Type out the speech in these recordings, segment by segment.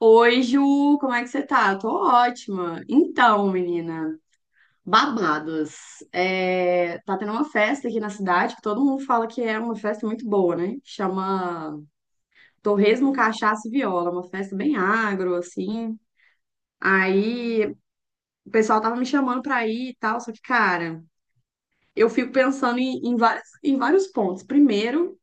Oi, Ju, como é que você tá? Tô ótima. Então, menina, babados. É, tá tendo uma festa aqui na cidade que todo mundo fala que é uma festa muito boa, né? Chama Torresmo, Cachaça e Viola, uma festa bem agro, assim. Aí o pessoal tava me chamando pra ir e tal, só que, cara, eu fico pensando em várias, em vários pontos. Primeiro,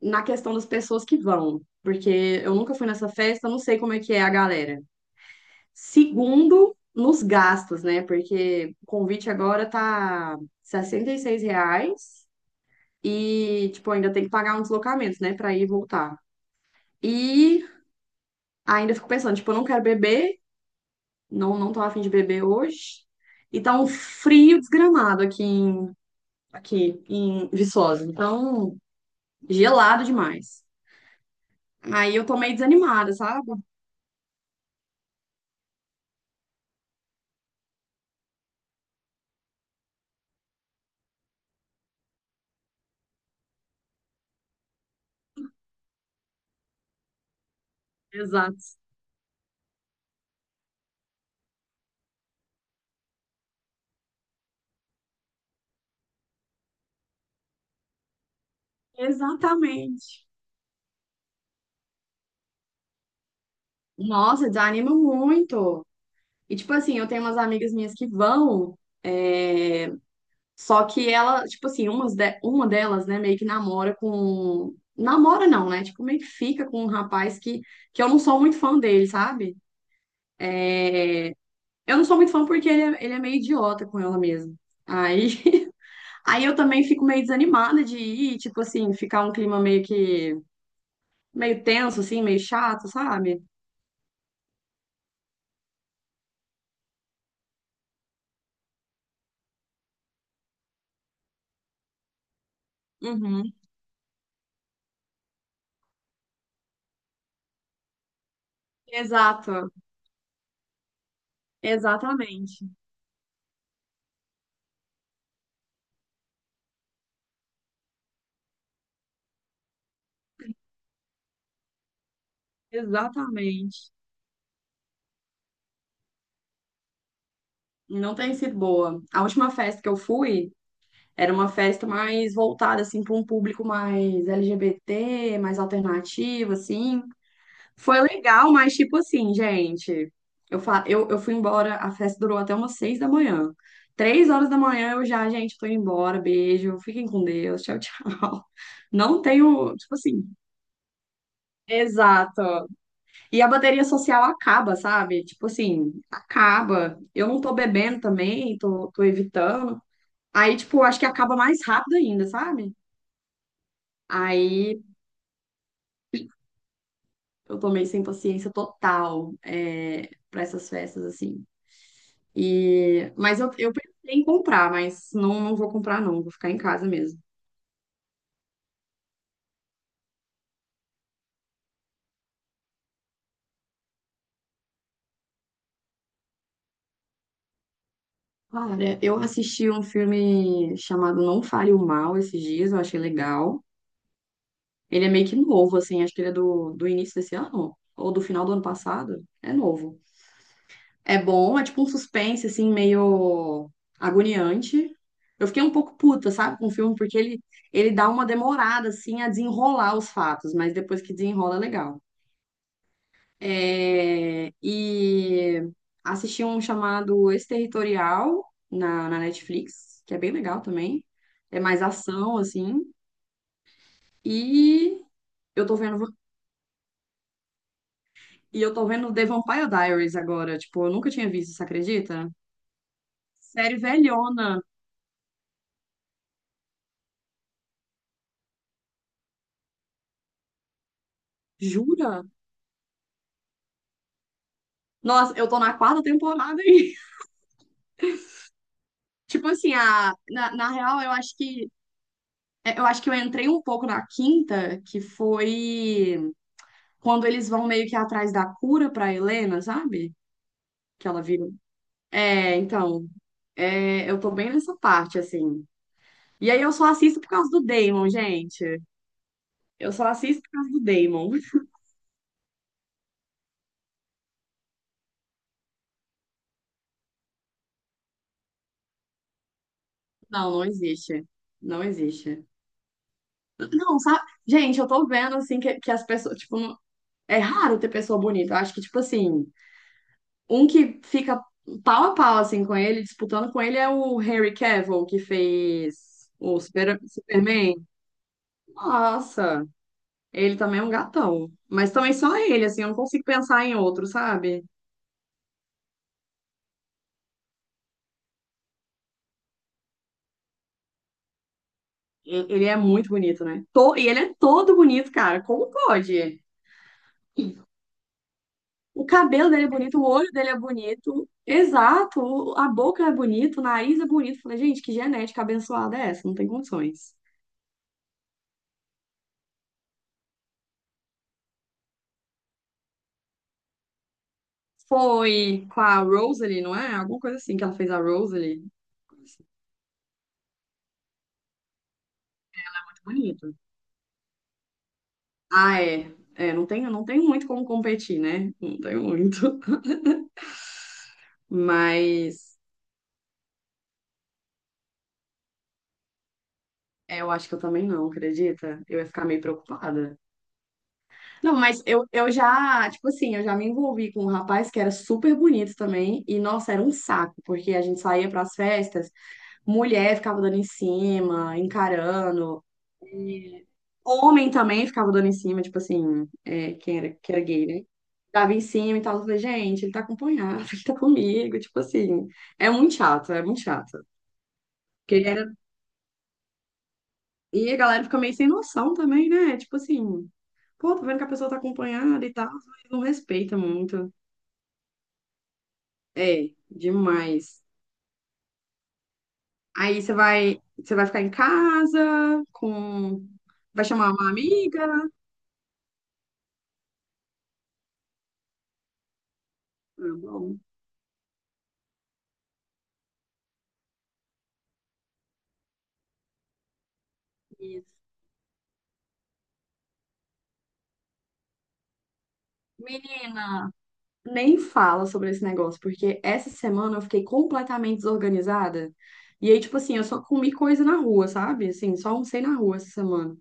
na questão das pessoas que vão, porque eu nunca fui nessa festa, eu não sei como é que é a galera. Segundo, nos gastos, né? Porque o convite agora tá R$ 66 e, tipo, ainda tem que pagar um deslocamento, né? Pra ir e voltar. E ainda fico pensando, tipo, eu não quero beber, não tô afim de beber hoje. E tá um frio desgramado aqui em Viçosa. Então, gelado demais. Aí eu tô meio desanimada, sabe? Exato. Exatamente. Nossa, desanima muito. E, tipo assim, eu tenho umas amigas minhas que vão, é, só que ela, tipo assim, uma delas, né, meio que namora com. Namora não, né? Tipo, meio que fica com um rapaz que eu não sou muito fã dele, sabe? Eu não sou muito fã porque ele é meio idiota com ela mesmo. Aí, aí eu também fico meio desanimada de ir, tipo assim, ficar um clima meio que. Meio tenso, assim, meio chato, sabe? Uhum. Exato, exatamente, exatamente. Não tem sido boa. A última festa que eu fui era uma festa mais voltada assim para um público mais LGBT, mais alternativo assim. Foi legal, mas tipo assim, gente, eu fui embora, a festa durou até umas 6 da manhã. 3 horas da manhã eu já, gente, tô indo embora, beijo, fiquem com Deus, tchau, tchau. Não tenho, tipo assim, exato. E a bateria social acaba, sabe? Tipo assim, acaba. Eu não tô bebendo também, tô evitando. Aí, tipo, acho que acaba mais rápido ainda, sabe? Aí eu tomei sem paciência total é, para essas festas, assim. E, mas eu pensei em comprar, mas não vou comprar, não. Vou ficar em casa mesmo. Olha, eu assisti um filme chamado Não Fale o Mal esses dias, eu achei legal. Ele é meio que novo, assim, acho que ele é do início desse ano, ou do final do ano passado. É novo. É bom, é tipo um suspense, assim, meio agoniante. Eu fiquei um pouco puta, sabe, com o filme, porque ele dá uma demorada, assim, a desenrolar os fatos, mas depois que desenrola, é legal. É, e assisti um chamado Exterritorial na Netflix, que é bem legal também. É mais ação, assim. E eu tô vendo, eu tô vendo The Vampire Diaries agora. Tipo, eu nunca tinha visto, você acredita? Série velhona, jura? Nossa, eu tô na 4ª temporada aí. Tipo assim, na real, eu acho que é, eu acho que eu entrei um pouco na 5ª, que foi quando eles vão meio que atrás da cura pra Helena, sabe? Que ela vira. É, então, é, eu tô bem nessa parte, assim. E aí eu só assisto por causa do Damon, gente. Eu só assisto por causa do Damon. Não, não existe. Não existe. Não, sabe? Gente, eu tô vendo, assim, que as pessoas, tipo, não- é raro ter pessoa bonita. Eu acho que, tipo assim, um que fica pau a pau, assim, com ele, disputando com ele, é o Henry Cavill, que fez o Superman. Nossa, ele também é um gatão. Mas também só ele, assim, eu não consigo pensar em outro, sabe? Ele é muito bonito, né? E ele é todo bonito, cara. Como pode? O cabelo dele é bonito, o olho dele é bonito. Exato, a boca é bonita, o nariz é bonito. Falei, gente, que genética abençoada é essa? Não tem condições. Foi com a Rosalie, não é? Alguma coisa assim que ela fez a Rosalie. Bonito. Ah, é. É, não tenho muito como competir, né? Não tenho muito. Mas é, eu acho que eu também não, acredita? Eu ia ficar meio preocupada. Não, mas eu já, tipo assim, eu já me envolvi com um rapaz que era super bonito também. E, nossa, era um saco, porque a gente saía para as festas, mulher ficava dando em cima, encarando. Homem também ficava dando em cima, tipo assim, é, quem era, que era gay, né? Dava em cima e tal. Eu falei, gente, ele tá acompanhado, ele tá comigo. Tipo assim, é muito chato, é muito chato. Porque ele era... E a galera fica meio sem noção também, né? Tipo assim, pô, tô vendo que a pessoa tá acompanhada e tal, mas não respeita muito. É, demais. Aí você vai ficar em casa com. Vai chamar uma amiga. Tá bom. Isso. Menina, nem fala sobre esse negócio, porque essa semana eu fiquei completamente desorganizada. E aí, tipo assim, eu só comi coisa na rua, sabe? Assim, só almocei na rua essa semana.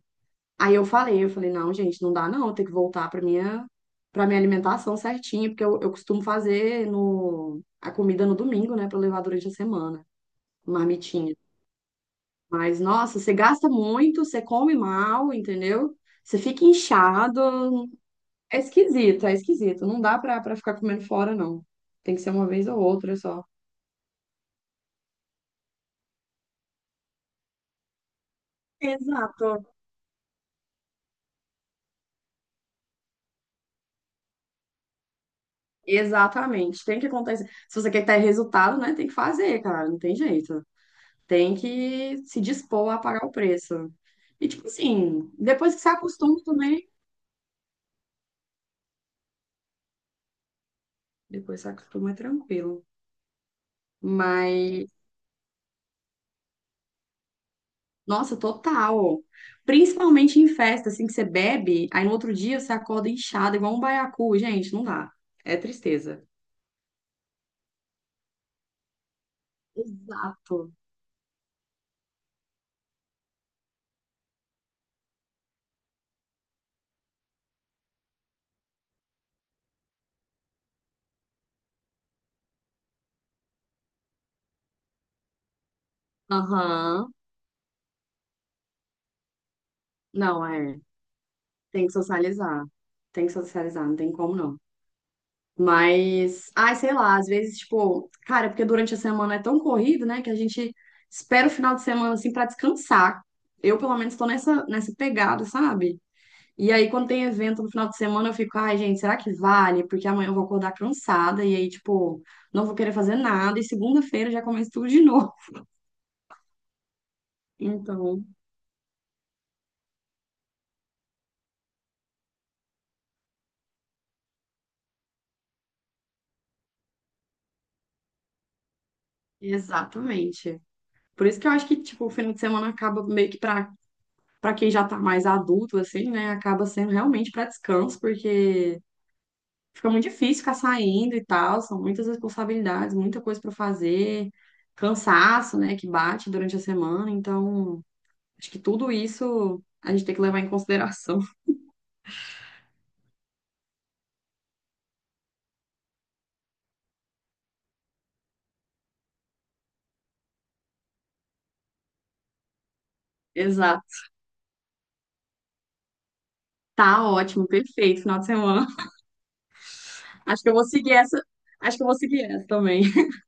Aí eu falei, não, gente, não dá não, eu tenho que voltar pra minha alimentação certinha, porque eu costumo fazer no, a comida no domingo, né, pra levar durante a semana, marmitinha. Mas, nossa, você gasta muito, você come mal, entendeu? Você fica inchado, é esquisito, é esquisito. Não dá pra ficar comendo fora, não. Tem que ser uma vez ou outra só. Exato. Exatamente. Tem que acontecer. Se você quer ter resultado, né? Tem que fazer, cara. Não tem jeito. Tem que se dispor a pagar o preço. E, tipo assim, depois que você acostuma também. Depois que você acostuma é tranquilo. Mas, nossa, total. Principalmente em festa, assim, que você bebe, aí no outro dia você acorda inchado, igual um baiacu. Gente, não dá. É tristeza. Exato. Aham. Não, é. Tem que socializar. Tem que socializar, não tem como não. Mas, ai, sei lá, às vezes, tipo, cara, porque durante a semana é tão corrido, né, que a gente espera o final de semana, assim, pra descansar. Eu, pelo menos, tô nessa pegada, sabe? E aí, quando tem evento no final de semana, eu fico, ai, gente, será que vale? Porque amanhã eu vou acordar cansada, e aí, tipo, não vou querer fazer nada, e segunda-feira já começa tudo de novo. Então, exatamente. Por isso que eu acho que, tipo, o final de semana acaba meio que pra para quem já tá mais adulto, assim, né, acaba sendo realmente para descanso, porque fica muito difícil ficar saindo e tal, são muitas responsabilidades, muita coisa para fazer, cansaço, né, que bate durante a semana, então acho que tudo isso a gente tem que levar em consideração. Exato. Tá ótimo, perfeito, final de semana. Acho que eu vou seguir essa, acho que eu vou seguir essa também.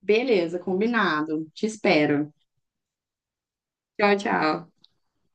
Beleza, combinado. Te espero. Tchau, tchau.